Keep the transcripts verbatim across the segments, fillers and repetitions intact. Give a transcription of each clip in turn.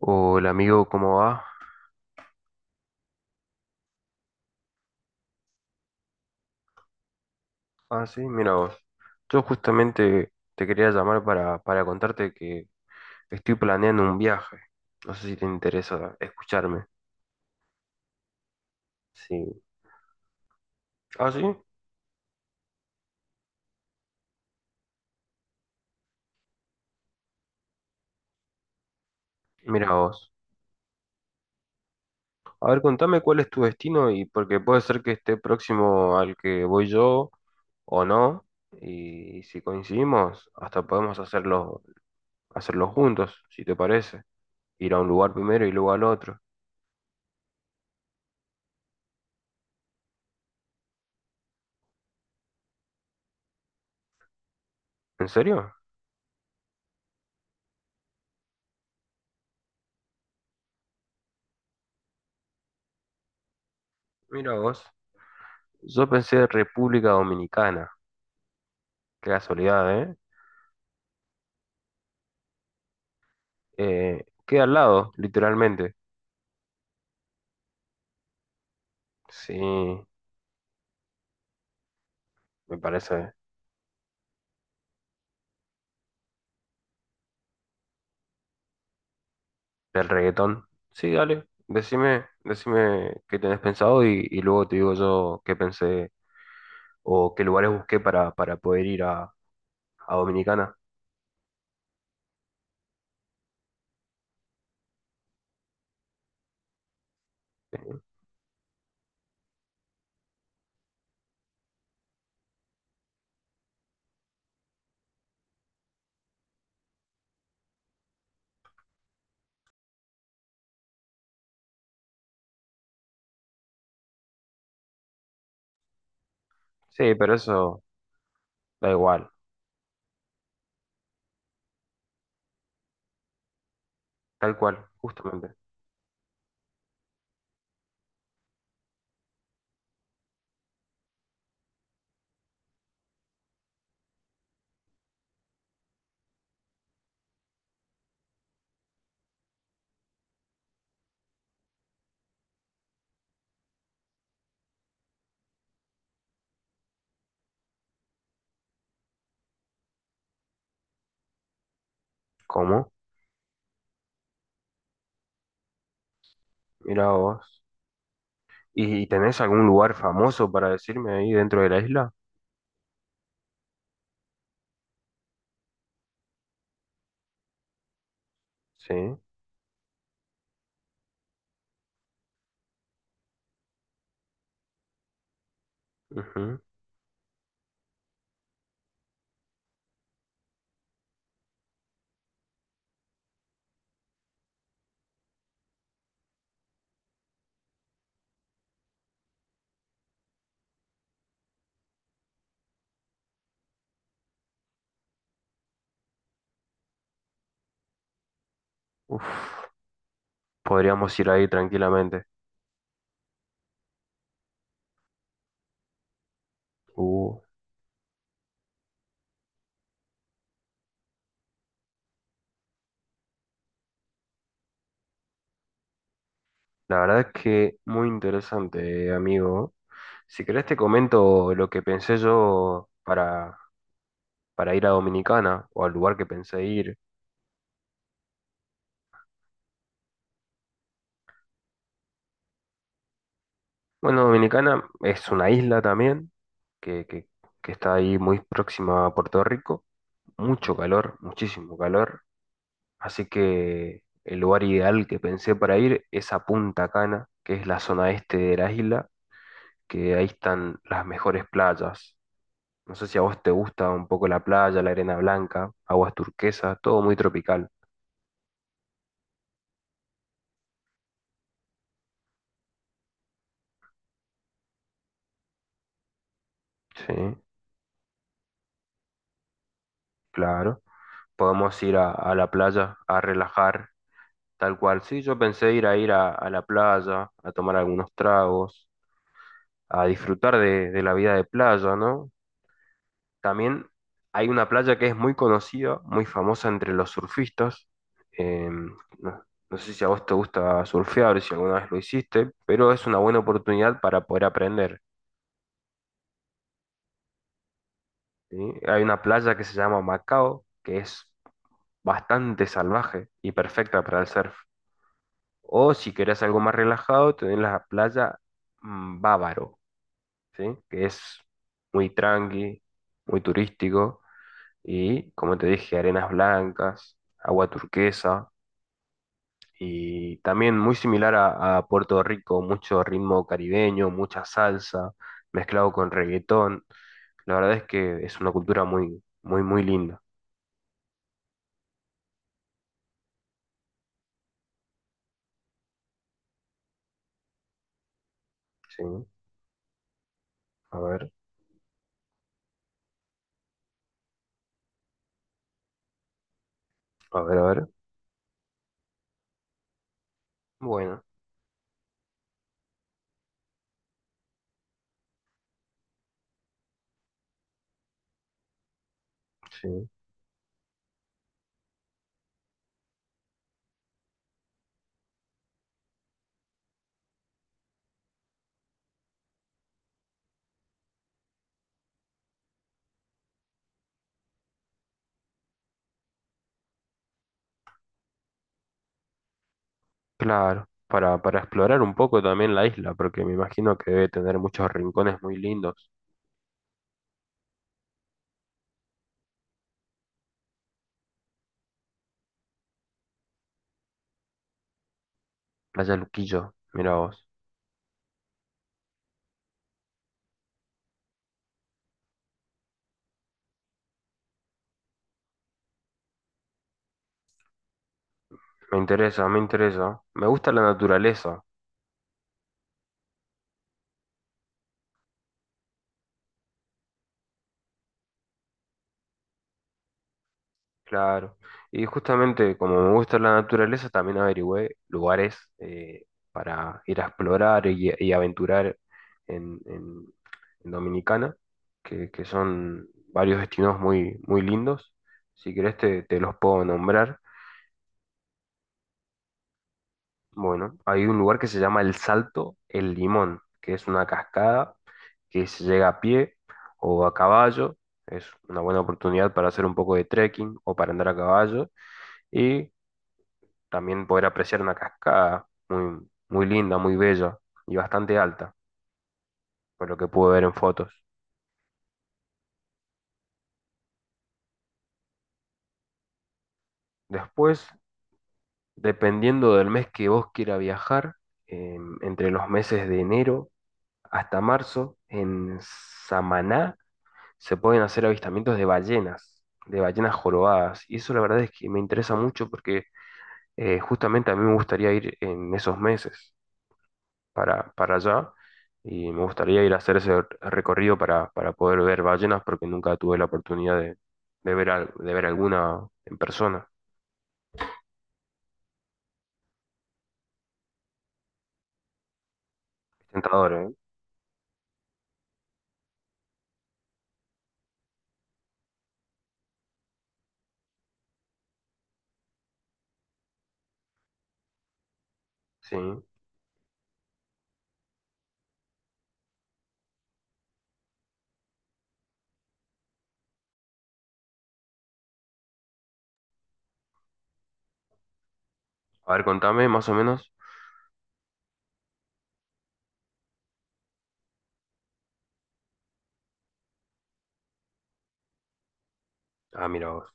Hola amigo, ¿cómo va? Ah, sí, mira vos. Yo justamente te quería llamar para, para contarte que estoy planeando un viaje. No sé si te interesa escucharme. Sí. Ah, sí, mira vos. A ver, contame cuál es tu destino y porque puede ser que esté próximo al que voy yo o no. Y si coincidimos, hasta podemos hacerlo, hacerlo juntos, si te parece. Ir a un lugar primero y luego al otro. ¿En serio? Mira vos. Yo pensé República Dominicana. Qué casualidad, ¿eh? Eh, queda al lado, literalmente. Sí, me parece. Del reggaetón. Sí, dale. Decime, decime qué tenés pensado y, y luego te digo yo qué pensé o qué lugares busqué para, para poder ir a, a Dominicana. Eh, Sí, pero eso da igual. Tal cual, justamente. ¿Cómo? Mira vos. ¿Y, y tenés algún lugar famoso para decirme ahí dentro de la isla? Sí. Ujú. Uf, podríamos ir ahí tranquilamente. Uh. La verdad es que muy interesante, amigo. Si querés te comento lo que pensé yo para, para ir a Dominicana o al lugar que pensé ir. Bueno, Dominicana es una isla también que, que, que está ahí muy próxima a Puerto Rico. Mucho calor, muchísimo calor. Así que el lugar ideal que pensé para ir es a Punta Cana, que es la zona este de la isla, que ahí están las mejores playas. No sé si a vos te gusta un poco la playa, la arena blanca, aguas turquesas, todo muy tropical. Sí, claro. Podemos ir a, a la playa a relajar, tal cual. Sí, yo pensé ir a ir a, a la playa, a tomar algunos tragos, a disfrutar de, de la vida de playa, ¿no? También hay una playa que es muy conocida, muy famosa entre los surfistas. Eh, no, no sé si a vos te gusta surfear, si alguna vez lo hiciste, pero es una buena oportunidad para poder aprender. ¿Sí? Hay una playa que se llama Macao, que es bastante salvaje y perfecta para el surf. O si querés algo más relajado, tenés la playa mm, Bávaro, ¿sí? Que es muy tranqui, muy turístico y, como te dije, arenas blancas, agua turquesa y también muy similar a, a Puerto Rico, mucho ritmo caribeño, mucha salsa mezclado con reggaetón. La verdad es que es una cultura muy, muy, muy linda, ¿sí? A ver, a ver, a ver. Bueno, sí, claro, para, para explorar un poco también la isla, porque me imagino que debe tener muchos rincones muy lindos. Playa Luquillo, mira vos. Me interesa, me interesa. Me gusta la naturaleza, claro. Y justamente como me gusta la naturaleza, también averigüé lugares eh, para ir a explorar y, y aventurar en, en- en Dominicana, que, que son varios destinos muy, muy lindos. Si querés te te los puedo nombrar. Bueno, hay un lugar que se llama El Salto El Limón, que es una cascada que se llega a pie o a caballo. Es una buena oportunidad para hacer un poco de trekking o para andar a caballo y también poder apreciar una cascada muy, muy linda, muy bella y bastante alta, por lo que pude ver en fotos. Después, dependiendo del mes que vos quiera viajar, em, entre los meses de enero hasta marzo, en Samaná se pueden hacer avistamientos de ballenas, de ballenas jorobadas. Y eso la verdad es que me interesa mucho porque eh, justamente a mí me gustaría ir en esos meses para, para allá y me gustaría ir a hacer ese recorrido para, para poder ver ballenas porque nunca tuve la oportunidad de, de ver, al- de ver alguna en persona. Es tentador, ¿eh? Sí. A ver, contame más o menos. Ah, mira vos,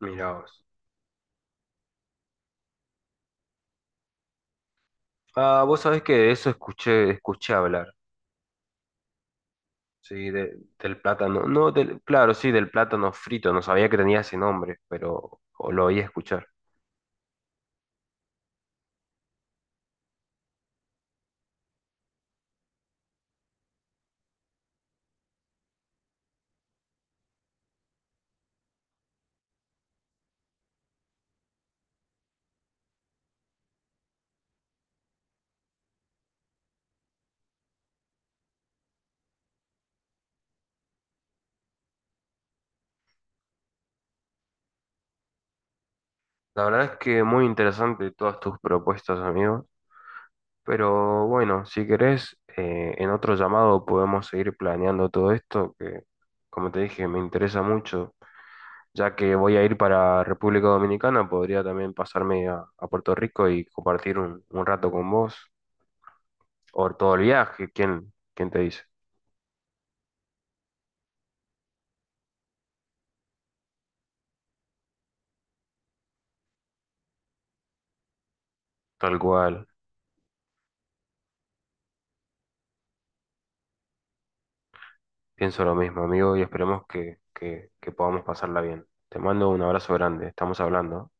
mira vos. Ah, vos sabés que de eso escuché, escuché hablar. Sí, de- del plátano. No, del, claro, sí, del plátano frito. No sabía que tenía ese nombre, pero o lo oí escuchar. La verdad es que muy interesante todas tus propuestas, amigos. Pero bueno, si querés, eh, en otro llamado podemos seguir planeando todo esto, que como te dije, me interesa mucho. Ya que voy a ir para República Dominicana, podría también pasarme a, a Puerto Rico y compartir un, un rato con vos. O todo el viaje, ¿quién, quién te dice? Tal cual. Pienso lo mismo, amigo, y esperemos que, que, que podamos pasarla bien. Te mando un abrazo grande, estamos hablando.